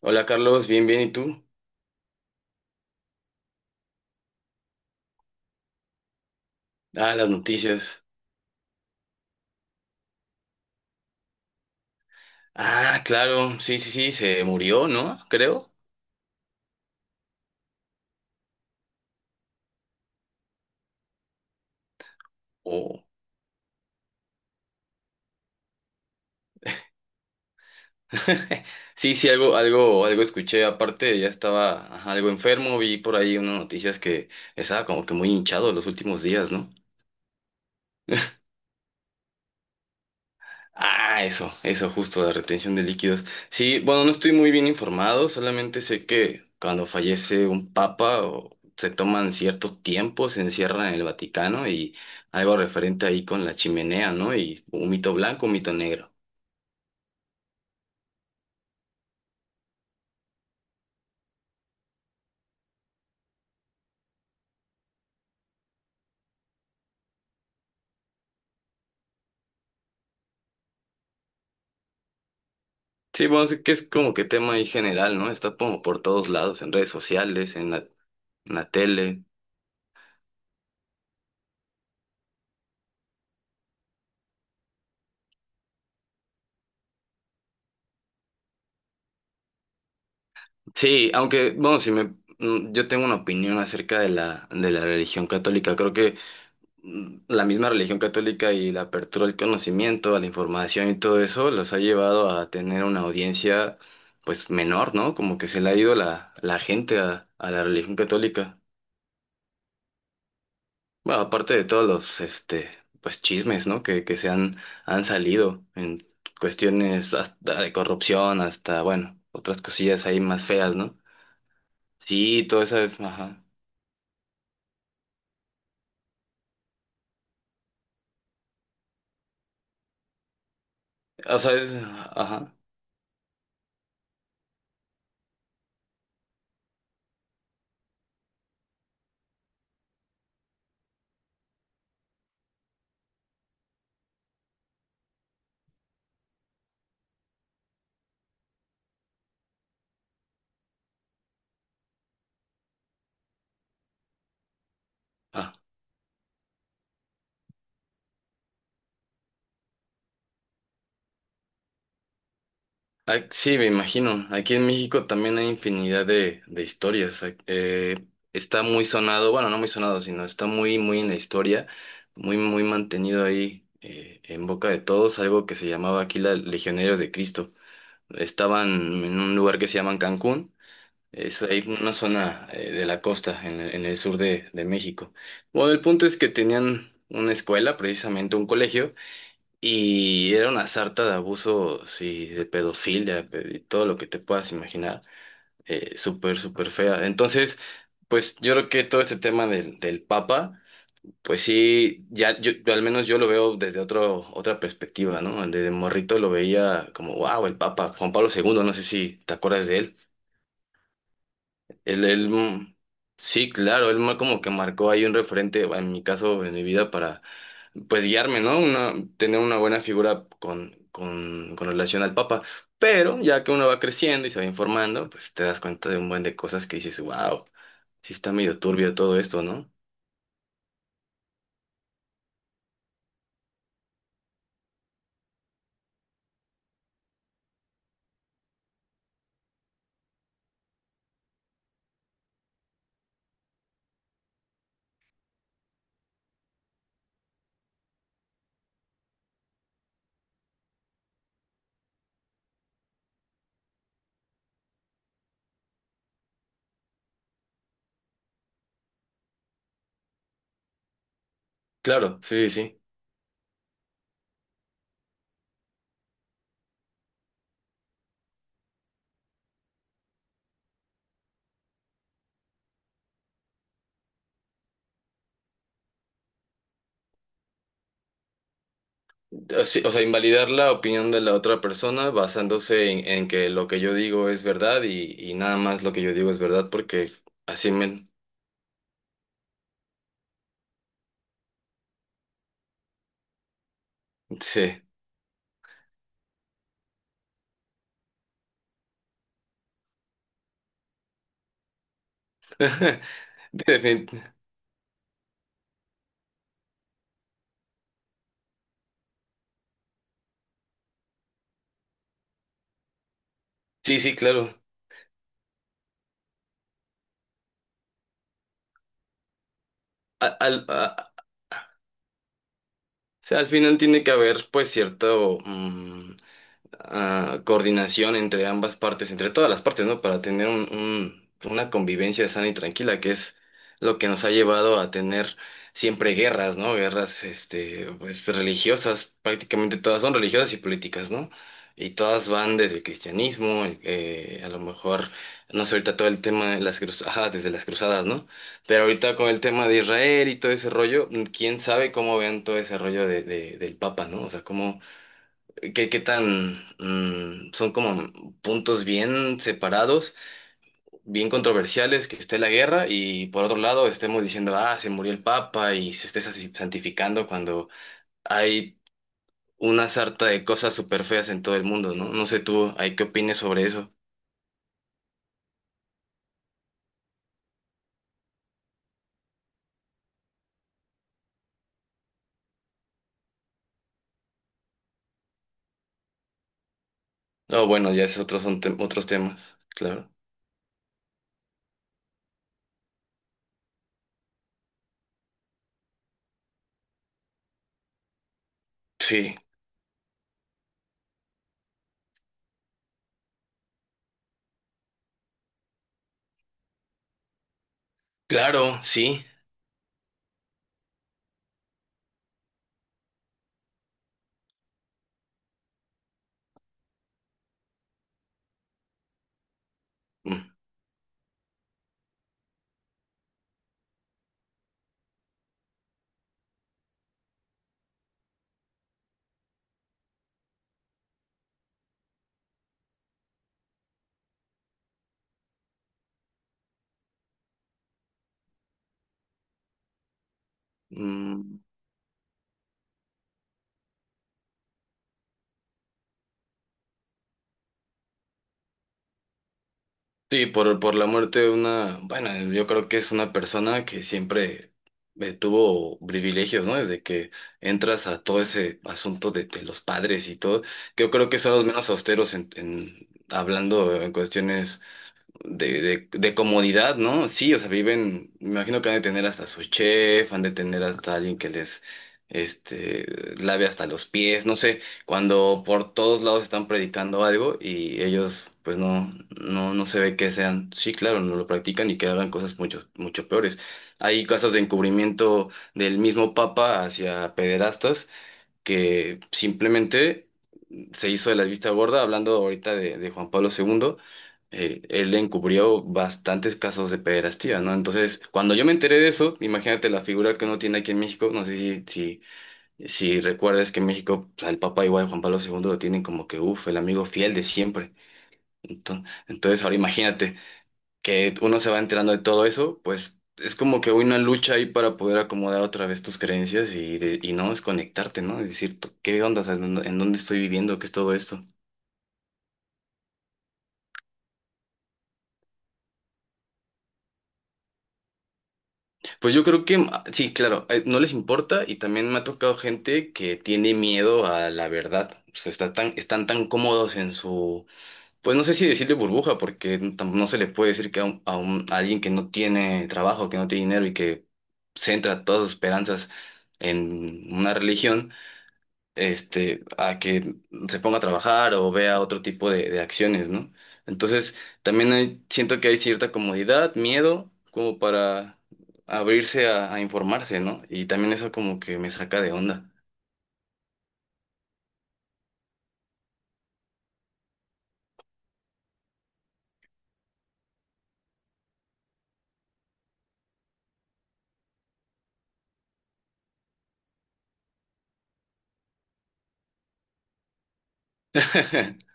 Hola Carlos, bien, bien, ¿y tú? Ah, las noticias. Ah, claro, sí, sí, sí, se murió, ¿no? Creo. Oh. Sí, sí, algo, algo, algo escuché. Aparte, ya estaba ajá, algo enfermo, vi por ahí unas noticias que estaba como que muy hinchado los últimos días, ¿no? Ah, eso justo, la retención de líquidos. Sí, bueno, no estoy muy bien informado, solamente sé que cuando fallece un papa o se toman cierto tiempo, se encierran en el Vaticano y algo referente ahí con la chimenea, ¿no? Y un mito blanco, un mito negro. Sí, bueno, sé que es como que tema ahí general, ¿no? Está como por todos lados, en redes sociales, en la tele. Sí, aunque, bueno, si me, yo tengo una opinión acerca de la religión católica. Creo que la misma religión católica y la apertura al conocimiento, a la información y todo eso los ha llevado a tener una audiencia pues menor, ¿no? Como que se le ha ido la gente a la religión católica. Bueno, aparte de todos los este pues chismes, ¿no? Que se han, han salido en cuestiones hasta de corrupción, hasta, bueno, otras cosillas ahí más feas, ¿no? Sí, todo eso, ajá. O sea, ajá. Ajá. Ah, sí, me imagino. Aquí en México también hay infinidad de historias. Está muy sonado, bueno, no muy sonado, sino está muy, muy en la historia, muy, muy mantenido ahí en boca de todos, algo que se llamaba aquí la Legionarios de Cristo. Estaban en un lugar que se llaman Cancún, es ahí una zona de la costa, en el sur de México. Bueno, el punto es que tenían una escuela, precisamente un colegio y era una sarta de abusos y de pedofilia y todo lo que te puedas imaginar, súper, súper fea. Entonces, pues yo creo que todo este tema del Papa, pues sí, ya yo al menos yo lo veo desde otro, otra perspectiva, ¿no? Desde morrito lo veía como, wow, el Papa, Juan Pablo segundo, no sé si te acuerdas de él. Él, él, mm, sí, claro, como que marcó ahí un referente, en mi caso, en mi vida, para pues guiarme, ¿no? Una, tener una buena figura con relación al Papa. Pero ya que uno va creciendo y se va informando, pues te das cuenta de un buen de cosas que dices, wow, sí está medio turbio todo esto, ¿no? Claro, sí, sí. O sí, o sea, invalidar la opinión de la otra persona basándose en que lo que yo digo es verdad y nada más lo que yo digo es verdad porque así me... Sí. Defin- Sí, sí, claro. A- Al, a- o sea, al final tiene que haber pues cierto, coordinación entre ambas partes, entre todas las partes, ¿no? Para tener una convivencia sana y tranquila, que es lo que nos ha llevado a tener siempre guerras, ¿no? Guerras, este, pues religiosas, prácticamente todas son religiosas y políticas, ¿no? Y todas van desde el cristianismo, a lo mejor, no sé, ahorita todo el tema de las cruzadas, ajá, desde las cruzadas, ¿no? Pero ahorita con el tema de Israel y todo ese rollo, quién sabe cómo vean todo ese rollo de, del Papa, ¿no? O sea, cómo ¿Qué, qué tan son como puntos bien separados, bien controversiales, que esté la guerra y por otro lado estemos diciendo, ah, se murió el Papa y se esté santificando cuando hay una sarta de cosas súper feas en todo el mundo, ¿no? No sé tú, ¿hay qué opines sobre eso? No, bueno, ya esos otros son otros temas, claro. Sí, claro, sí. Mm, mm. Sí, por la muerte de una, bueno, yo creo que es una persona que siempre tuvo privilegios, ¿no? Desde que entras a todo ese asunto de los padres y todo, que yo creo que son los menos austeros en, hablando en cuestiones de comodidad, ¿no? Sí, o sea, viven, me imagino que han de tener hasta su chef, han de tener hasta alguien que les, este, lave hasta los pies, no sé, cuando por todos lados están predicando algo y ellos, pues no, no, no se ve que sean, sí, claro, no lo practican y que hagan cosas mucho, mucho peores. Hay casos de encubrimiento del mismo papa hacia pederastas que simplemente se hizo de la vista gorda, hablando ahorita de Juan Pablo segundo. Él encubrió bastantes casos de pederastía, ¿no? Entonces, cuando yo me enteré de eso, imagínate la figura que uno tiene aquí en México, no sé si recuerdas que en México pues, al Papa igual Juan Pablo II lo tienen como que, uff, el amigo fiel de siempre. Entonces, ahora imagínate que uno se va enterando de todo eso, pues es como que una lucha ahí para poder acomodar otra vez tus creencias y, y no desconectarte, ¿no? Es decir, ¿qué onda? O sea, ¿en dónde estoy viviendo? ¿Qué es todo esto? Pues yo creo que sí, claro, no les importa y también me ha tocado gente que tiene miedo a la verdad. O sea, está tan, están tan cómodos en su, pues no sé si decirle burbuja, porque no se les puede decir que a alguien que no tiene trabajo, que no tiene dinero y que centra todas sus esperanzas en una religión este, a que se ponga a trabajar o vea otro tipo de acciones, ¿no? Entonces, también siento que hay cierta comodidad, miedo, como para abrirse a informarse, ¿no? Y también eso como que me saca de onda.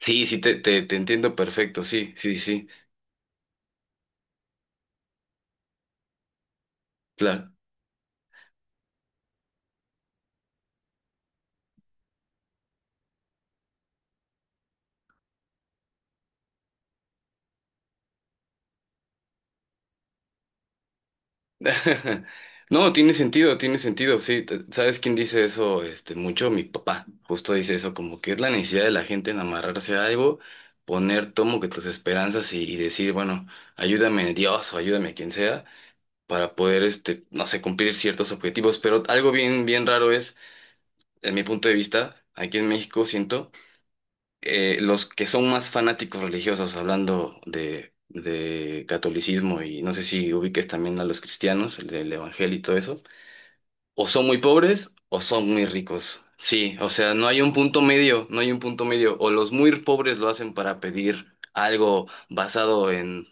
Sí, sí, te entiendo perfecto, sí, sí, sí, claro. No, tiene sentido, sí. ¿Sabes quién dice eso? Este, mucho mi papá. Justo dice eso, como que es la necesidad de la gente en amarrarse a algo, poner tomo que tus esperanzas y decir, bueno, ayúdame Dios o ayúdame quien sea, para poder, este, no sé, cumplir ciertos objetivos. Pero algo bien, bien raro es, en mi punto de vista, aquí en México siento, los que son más fanáticos religiosos, hablando de catolicismo y no sé si ubiques también a los cristianos, el del evangelio y todo eso o son muy pobres o son muy ricos. Sí, o sea, no hay un punto medio, no hay un punto medio. O los muy pobres lo hacen para pedir algo basado en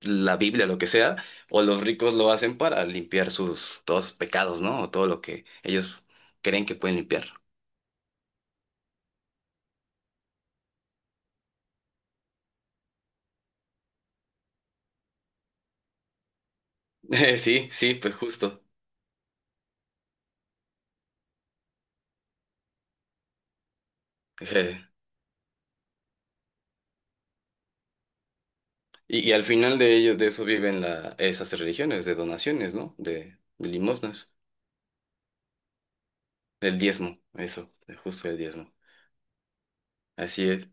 la Biblia, lo que sea, o los ricos lo hacen para limpiar sus todos sus pecados, ¿no? O todo lo que ellos creen que pueden limpiar. Sí, sí, pues justo. Eh, y al final de ellos, de eso viven la, esas religiones, de donaciones, ¿no? De limosnas, del diezmo, eso, de justo el diezmo. Así es.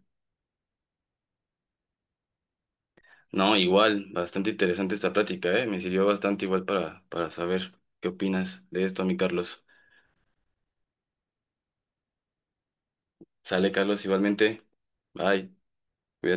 No, igual, bastante interesante esta plática, ¿eh? Me sirvió bastante igual para saber qué opinas de esto, mi Carlos. Sale, Carlos, igualmente. Bye, cuídate.